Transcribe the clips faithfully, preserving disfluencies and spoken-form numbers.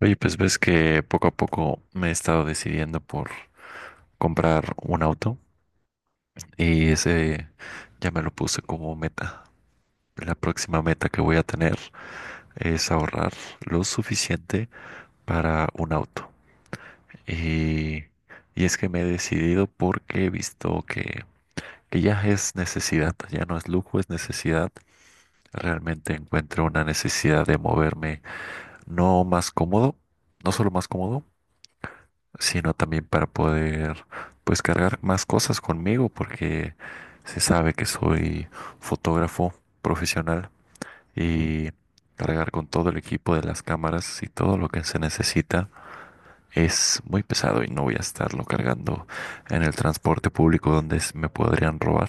Oye, pues ves que poco a poco me he estado decidiendo por comprar un auto y ese ya me lo puse como meta. La próxima meta que voy a tener es ahorrar lo suficiente para un auto. Y, y es que me he decidido porque he visto que, que ya es necesidad, ya no es lujo, es necesidad. Realmente encuentro una necesidad de moverme, no más cómodo, no solo más cómodo, sino también para poder pues cargar más cosas conmigo porque se sabe que soy fotógrafo profesional y cargar con todo el equipo de las cámaras y todo lo que se necesita es muy pesado y no voy a estarlo cargando en el transporte público donde s- me podrían robar.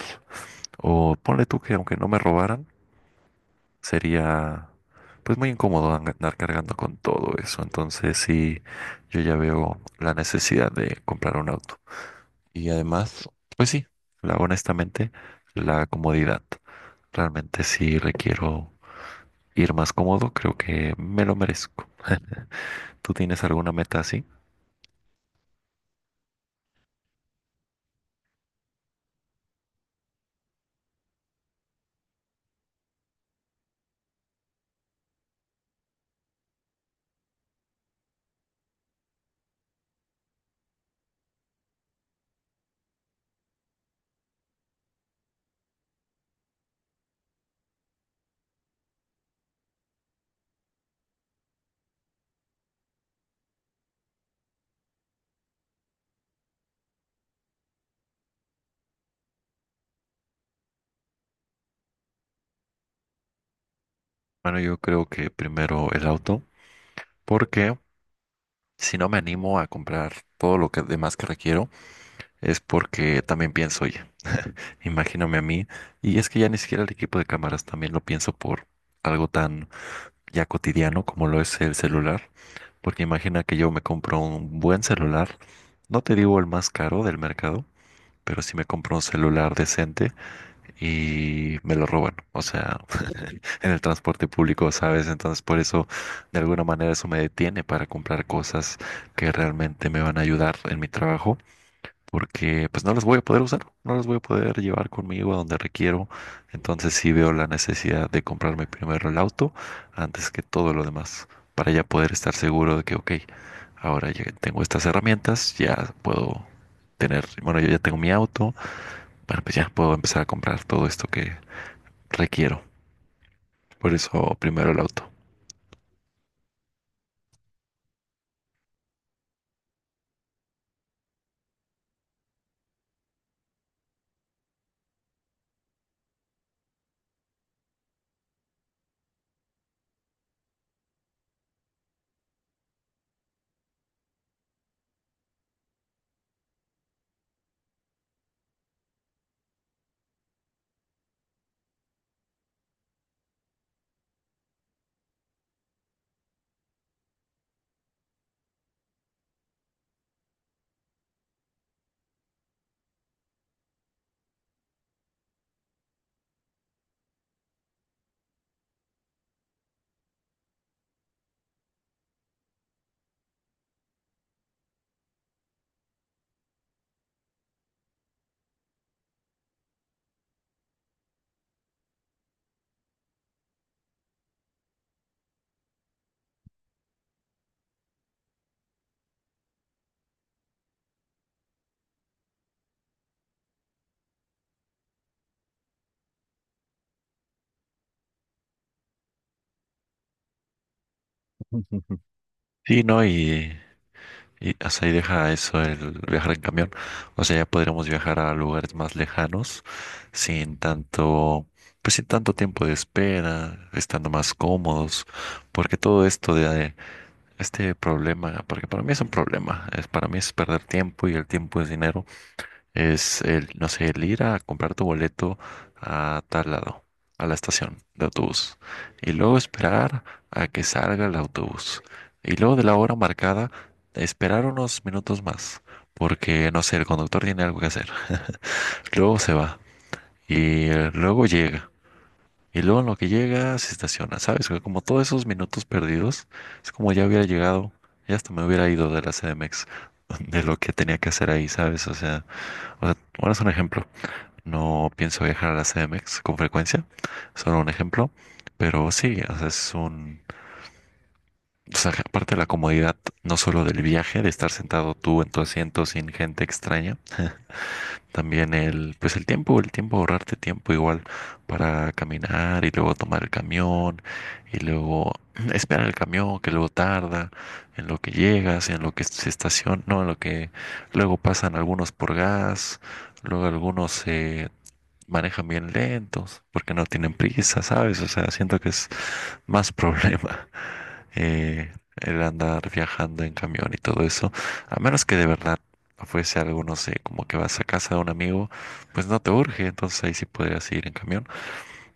O ponle tú que aunque no me robaran, sería pues muy incómodo an- andar cargando con todo eso. Entonces sí, yo ya veo la necesidad de comprar un auto. Y además, pues sí, la, honestamente, la comodidad. Realmente si requiero ir más cómodo, creo que me lo merezco. ¿Tú tienes alguna meta así? Bueno, yo creo que primero el auto, porque si no me animo a comprar todo lo que demás que requiero, es porque también pienso, oye, imagíname a mí, y es que ya ni siquiera el equipo de cámaras también lo pienso por algo tan ya cotidiano como lo es el celular, porque imagina que yo me compro un buen celular, no te digo el más caro del mercado, pero sí me compro un celular decente y me lo roban, o sea, en el transporte público, ¿sabes? Entonces por eso, de alguna manera, eso me detiene para comprar cosas que realmente me van a ayudar en mi trabajo porque pues no las voy a poder usar, no las voy a poder llevar conmigo a donde requiero. Entonces sí veo la necesidad de comprarme primero el auto antes que todo lo demás, para ya poder estar seguro de que, ok, ahora ya tengo estas herramientas, ya puedo tener, bueno, yo ya tengo mi auto, bueno, pues ya puedo empezar a comprar todo esto que requiero. Por eso primero el auto. Sí, ¿no? Y y hasta ahí deja eso el viajar en camión. O sea, ya podríamos viajar a lugares más lejanos sin tanto, pues sin tanto tiempo de espera, estando más cómodos, porque todo esto de eh, este problema, porque para mí es un problema, es para mí es perder tiempo y el tiempo es dinero es el, no sé, el ir a comprar tu boleto a tal lado, a la estación de autobús, y luego esperar a que salga el autobús, y luego de la hora marcada, esperar unos minutos más, porque, no sé, el conductor tiene algo que hacer, luego se va, y eh, luego llega. Y luego en lo que llega se estaciona, ¿sabes? Como todos esos minutos perdidos, es como ya hubiera llegado, ya hasta me hubiera ido de la C D M X, de lo que tenía que hacer ahí, ¿sabes? O sea, o sea, bueno, es un ejemplo. No pienso viajar a la C D M X con frecuencia, solo un ejemplo, pero sí, o sea, es un, o sea, aparte de la comodidad, no solo del viaje, de estar sentado tú en tu asiento sin gente extraña, también el, pues el tiempo, el tiempo, ahorrarte tiempo igual para caminar y luego tomar el camión y luego esperar el camión que luego tarda, en lo que llegas, en lo que se estaciona, no, en lo que luego pasan algunos por gas, luego algunos se manejan bien lentos, porque no tienen prisa, ¿sabes? O sea, siento que es más problema eh, el andar viajando en camión y todo eso, a menos que de verdad fuese algo, no sé, como que vas a casa de un amigo, pues no te urge, entonces ahí sí podrías ir en camión,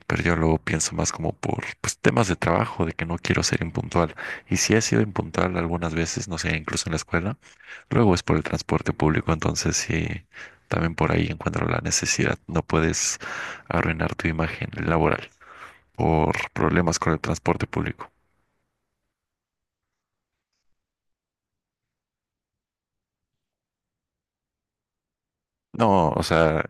pero yo luego pienso más como por pues, temas de trabajo, de que no quiero ser impuntual, y sí he sido impuntual algunas veces, no sé, incluso en la escuela, luego es por el transporte público, entonces sí, también por ahí encuentro la necesidad. No puedes arruinar tu imagen laboral por problemas con el transporte público. No, o sea,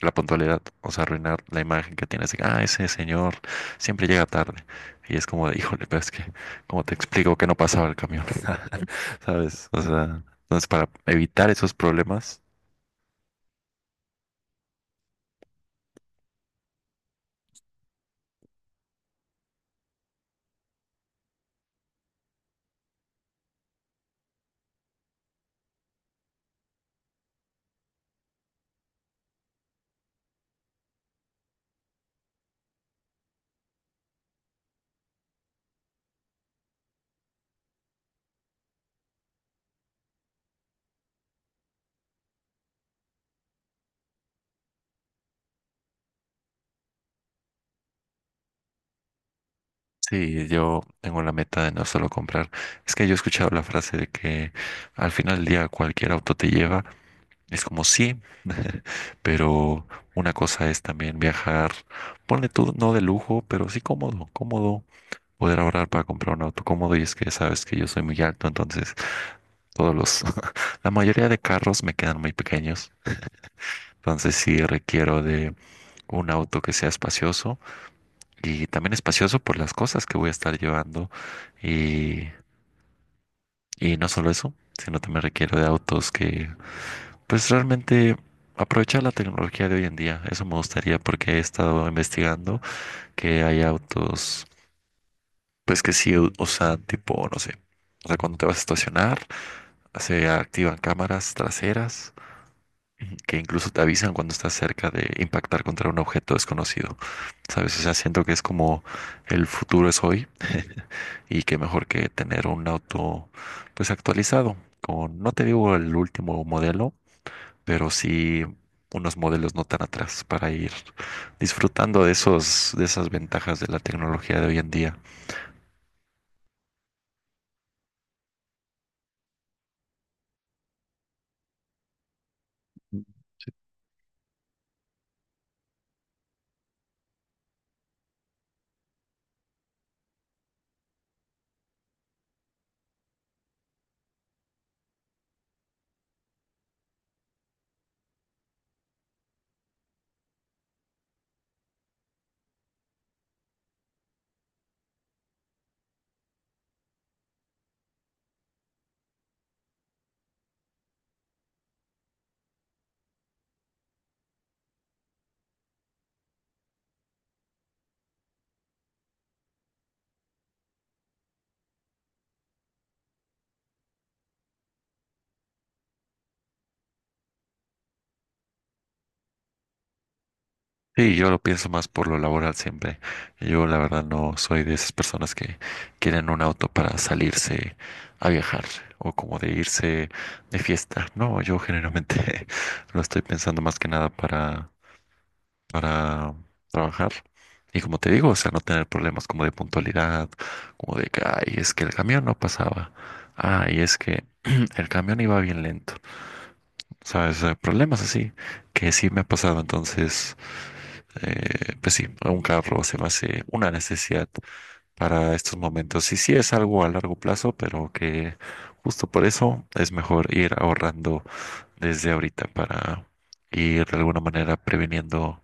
la puntualidad, o sea, arruinar la imagen que tienes, de que, ah, ese señor siempre llega tarde. Y es como de, híjole, pero es que, ¿cómo te explico que no pasaba el camión? ¿Sabes? O sea, entonces para evitar esos problemas. Sí, yo tengo la meta de no solo comprar. Es que yo he escuchado la frase de que al final del día cualquier auto te lleva. Es como sí, pero una cosa es también viajar, ponle tú, no de lujo, pero sí cómodo, cómodo. Poder ahorrar para comprar un auto cómodo y es que sabes que yo soy muy alto, entonces todos los, la mayoría de carros me quedan muy pequeños. Entonces sí requiero de un auto que sea espacioso y también espacioso por las cosas que voy a estar llevando. y Y no solo eso, sino también requiero de autos que, pues realmente aprovechar la tecnología de hoy en día. Eso me gustaría porque he estado investigando que hay autos, pues que sí u- usan tipo, no sé, o sea, cuando te vas a estacionar, se activan cámaras traseras, ujú, que incluso te avisan cuando estás cerca de impactar contra un objeto desconocido. ¿Sabes? O sea, siento que es como el futuro es hoy y que mejor que tener un auto, pues actualizado. Con, no te digo el último modelo, pero sí unos modelos no tan atrás para ir disfrutando de esos, de esas ventajas de la tecnología de hoy en día. Sí, yo lo pienso más por lo laboral siempre. Yo la verdad no soy de esas personas que quieren un auto para salirse a viajar o como de irse de fiesta. No, yo generalmente lo estoy pensando más que nada para para trabajar. Y como te digo, o sea, no tener problemas como de puntualidad, como de que, ay, es que el camión no pasaba, ay, es que el camión iba bien lento, ¿sabes? Eh, Problemas así que sí me ha pasado. Entonces, eh, pues sí, un carro se me hace una necesidad para estos momentos. Y sí es algo a largo plazo, pero que justo por eso es mejor ir ahorrando desde ahorita para ir de alguna manera previniendo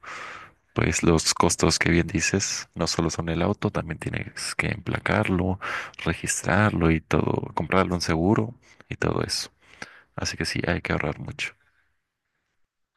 pues los costos que bien dices, no solo son el auto, también tienes que emplacarlo, registrarlo y todo, comprarle un seguro y todo eso. Así que sí, hay que ahorrar mucho.